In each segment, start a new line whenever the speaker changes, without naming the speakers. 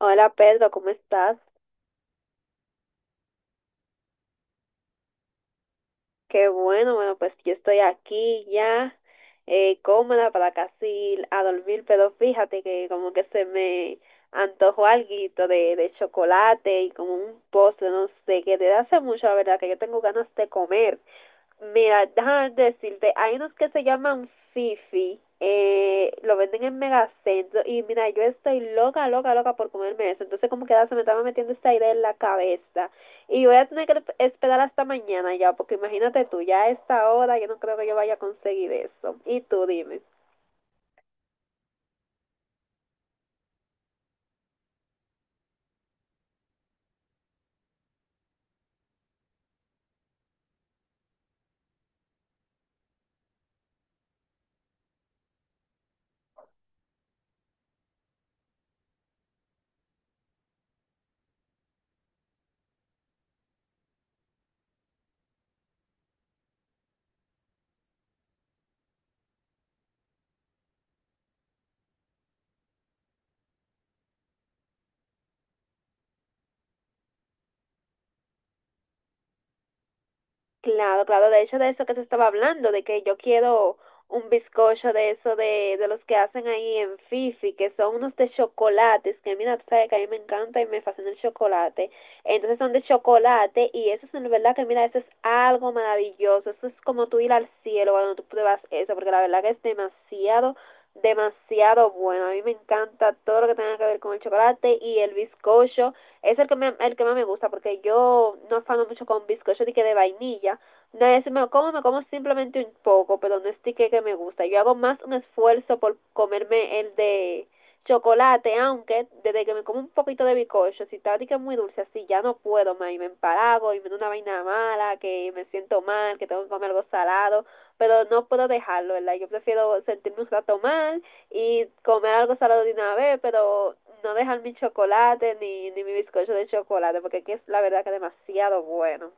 Hola Pedro, ¿cómo estás? Qué bueno, bueno, pues yo estoy aquí ya, cómoda para casi a dormir, pero fíjate que como que se me antojó alguito de chocolate y como un postre, no sé, que desde hace mucho, la verdad, que yo tengo ganas de comer. Mira, déjame decirte, hay unos que se llaman Fifi, lo venden en Megacentro y mira, yo estoy loca, loca, loca por comerme eso. Entonces como que ya se me estaba metiendo esta idea en la cabeza y voy a tener que esperar hasta mañana ya, porque imagínate tú, ya a esta hora yo no creo que yo vaya a conseguir eso. Y tú dime. Claro, claro, de hecho de eso que te estaba hablando, de que yo quiero un bizcocho de eso de los que hacen ahí en Fifi, que son unos de chocolates, que mira, tú sabes que a mí me encanta y me fascina el chocolate. Entonces son de chocolate y eso es en verdad que mira, eso es algo maravilloso, eso es como tú ir al cielo cuando tú pruebas eso, porque la verdad que es demasiado, demasiado bueno. A mí me encanta todo lo que tenga que ver con el chocolate y el bizcocho es el que más me gusta porque yo no fano mucho con bizcocho de que de vainilla. No es, me lo como, me como simplemente un poco, pero no es que me gusta. Yo hago más un esfuerzo por comerme el de chocolate, aunque desde que me como un poquito de bizcocho, si está que es muy dulce así, ya no puedo más y me empalago y me da una vaina mala, que me siento mal, que tengo que comer algo salado, pero no puedo dejarlo, ¿verdad? Yo prefiero sentirme un rato mal y comer algo salado de una vez, pero no dejar mi chocolate ni mi bizcocho de chocolate, porque aquí es la verdad que es demasiado bueno.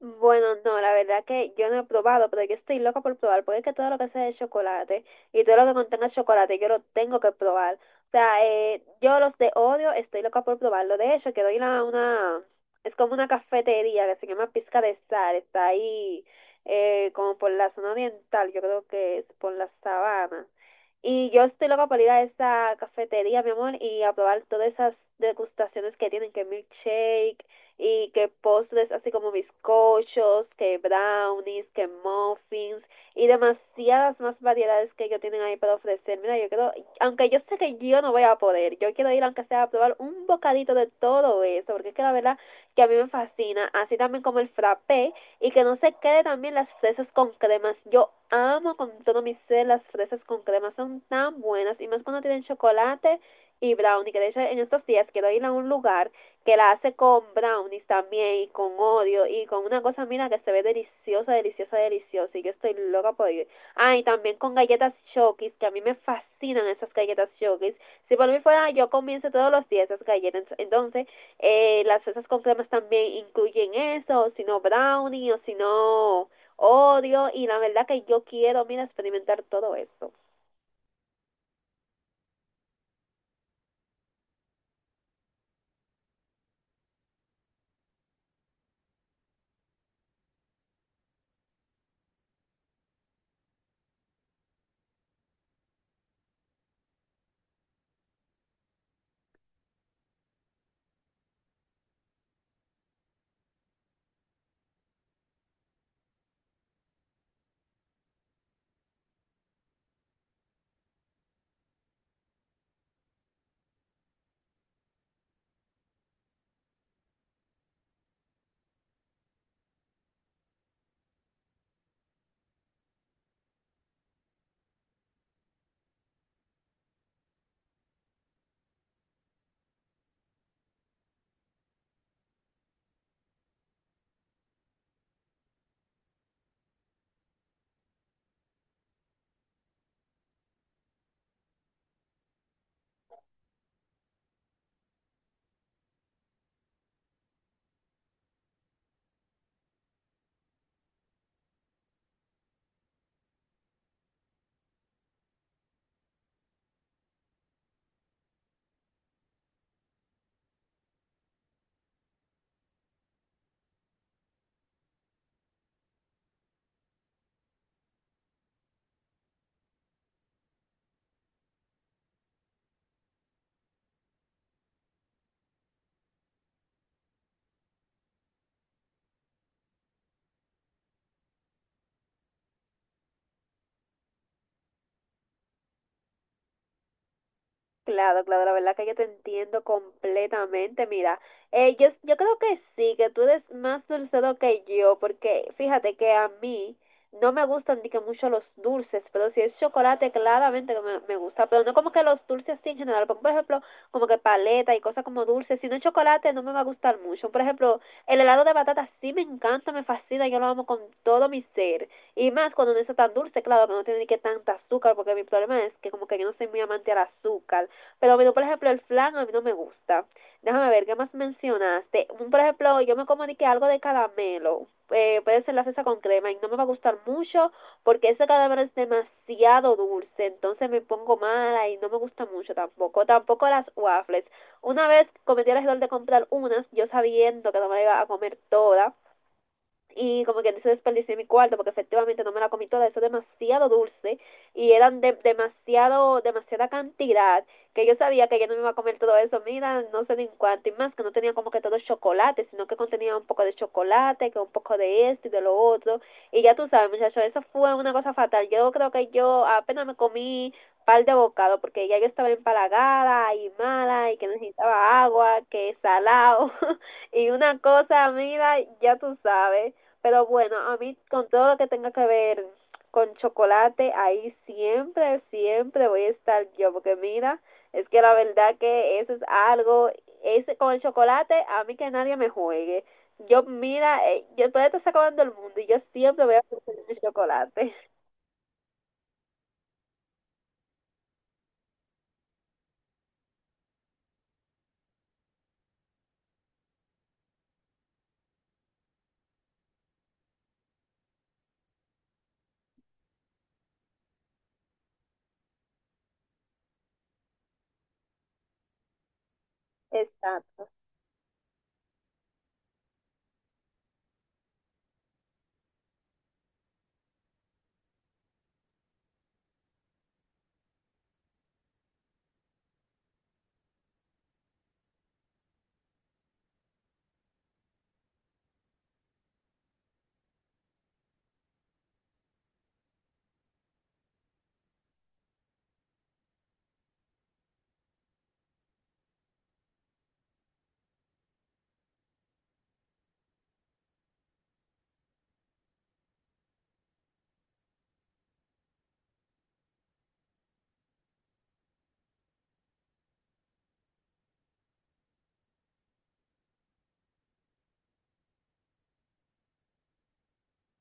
Bueno, no, la verdad que yo no he probado, pero yo estoy loca por probar, porque es que todo lo que sea de chocolate y todo lo que contenga chocolate, yo lo tengo que probar. O sea, yo los de Oreo estoy loca por probarlo. De hecho, quiero ir a una, es como una cafetería que se llama Pizca de Sal, está ahí como por la zona oriental, yo creo que es por la sabana. Y yo estoy loca por ir a esa cafetería, mi amor, y a probar todas esas degustaciones que tienen, que milkshake y que postres así como bizcochos, que brownies, que muffins y demasiadas más variedades que ellos tienen ahí para ofrecer. Mira, yo creo, aunque yo sé que yo no voy a poder, yo quiero ir aunque sea a probar un bocadito de todo eso, porque es que la verdad que a mí me fascina, así también como el frappé y que no se quede también las fresas con cremas. Yo amo con todo mi ser las fresas con cremas son tan buenas y más cuando tienen chocolate y brownie, que de hecho en estos días quiero ir a un lugar que la hace con brownies también y con odio y con una cosa, mira, que se ve deliciosa, deliciosa, deliciosa y yo estoy loca por ello. Ah, y también con galletas Chokis, que a mí me fascinan esas galletas Chokis. Si por mí fuera, yo comienzo todos los días esas galletas. Entonces, las fresas con cremas también incluyen eso, o si no brownie, o si no odio y la verdad que yo quiero, mira, experimentar todo eso. Claro, claro, la verdad que yo te entiendo completamente. Mira, yo creo que sí, que tú eres más dulcero que yo, porque fíjate que a mí no me gustan ni que mucho los dulces, pero si es chocolate, claramente que me gusta, pero no como que los dulces sí en general, por ejemplo, como que paleta y cosas como dulces, si no es chocolate no me va a gustar mucho, por ejemplo, el helado de batata sí me encanta, me fascina, yo lo amo con todo mi ser, y más cuando no es tan dulce, claro, que no tiene ni que tanta azúcar, porque mi problema es que como que yo no soy muy amante al azúcar, pero bueno, por ejemplo, el flan a mí no me gusta. Déjame ver, ¿qué más mencionaste? Un, por ejemplo, yo me comuniqué algo de caramelo. Puede ser la cesa con crema y no me va a gustar mucho porque ese caramelo es demasiado dulce. Entonces me pongo mala y no me gusta mucho tampoco. Tampoco las waffles. Una vez cometí el error de comprar unas, yo sabiendo que no me iba a comer toda y como que dice desperdicié mi cuarto porque efectivamente no me la comí toda, eso es demasiado dulce y eran demasiado, demasiada cantidad que yo sabía que yo no me iba a comer todo eso, mira, no sé ni en cuánto y más que no tenía como que todo chocolate, sino que contenía un poco de chocolate, que un poco de esto y de lo otro y ya tú sabes muchachos, eso fue una cosa fatal, yo creo que yo apenas me comí par de bocado porque ya yo estaba empalagada y mala y que necesitaba agua, que salado y una cosa, mira, ya tú sabes. Pero bueno, a mí con todo lo que tenga que ver con chocolate, ahí siempre, siempre voy a estar yo, porque mira, es que la verdad que eso es algo, ese con el chocolate, a mí que nadie me juegue. Yo, mira, yo todavía estoy acabando el mundo y yo siempre voy a comer chocolate. Exacto.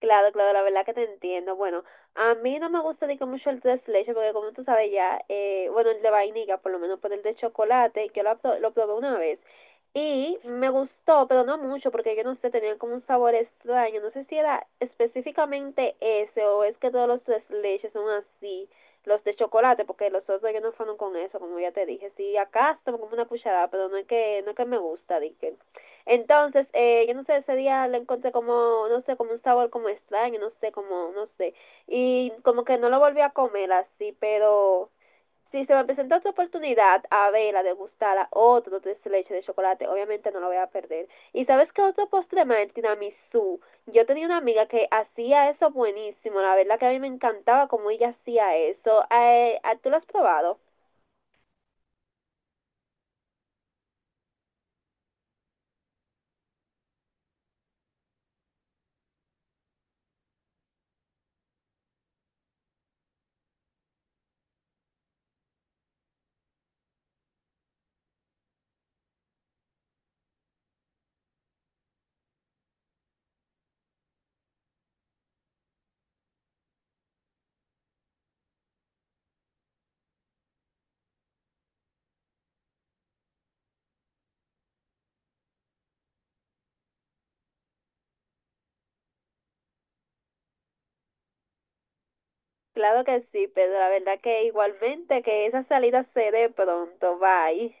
Claro, claro, la verdad que te entiendo. Bueno, a mí no me gusta digo, mucho el tres leches porque como tú sabes ya, bueno, el de vainilla por lo menos, pero el de chocolate, lo probé una vez y me gustó, pero no mucho porque yo no sé, tenía como un sabor extraño. No sé si era específicamente ese o es que todos los tres leches son así, los de chocolate, porque los otros yo no fueron con eso, como ya te dije. Sí, acá tomo como una cucharada, pero no es que me gusta, dije. Entonces, yo no sé, ese día le encontré como, no sé, como un sabor como extraño, no sé, como, no sé. Y como que no lo volví a comer así, pero si se me presenta otra oportunidad a verla, degustarla, otro tres leche de chocolate, obviamente no lo voy a perder. Y sabes qué otro postre más, el tiramisú. Yo tenía una amiga que hacía eso buenísimo, la verdad que a mí me encantaba como ella hacía eso. ¿Tú lo has probado? Claro que sí, pero la verdad que igualmente que esa salida se dé pronto, bye.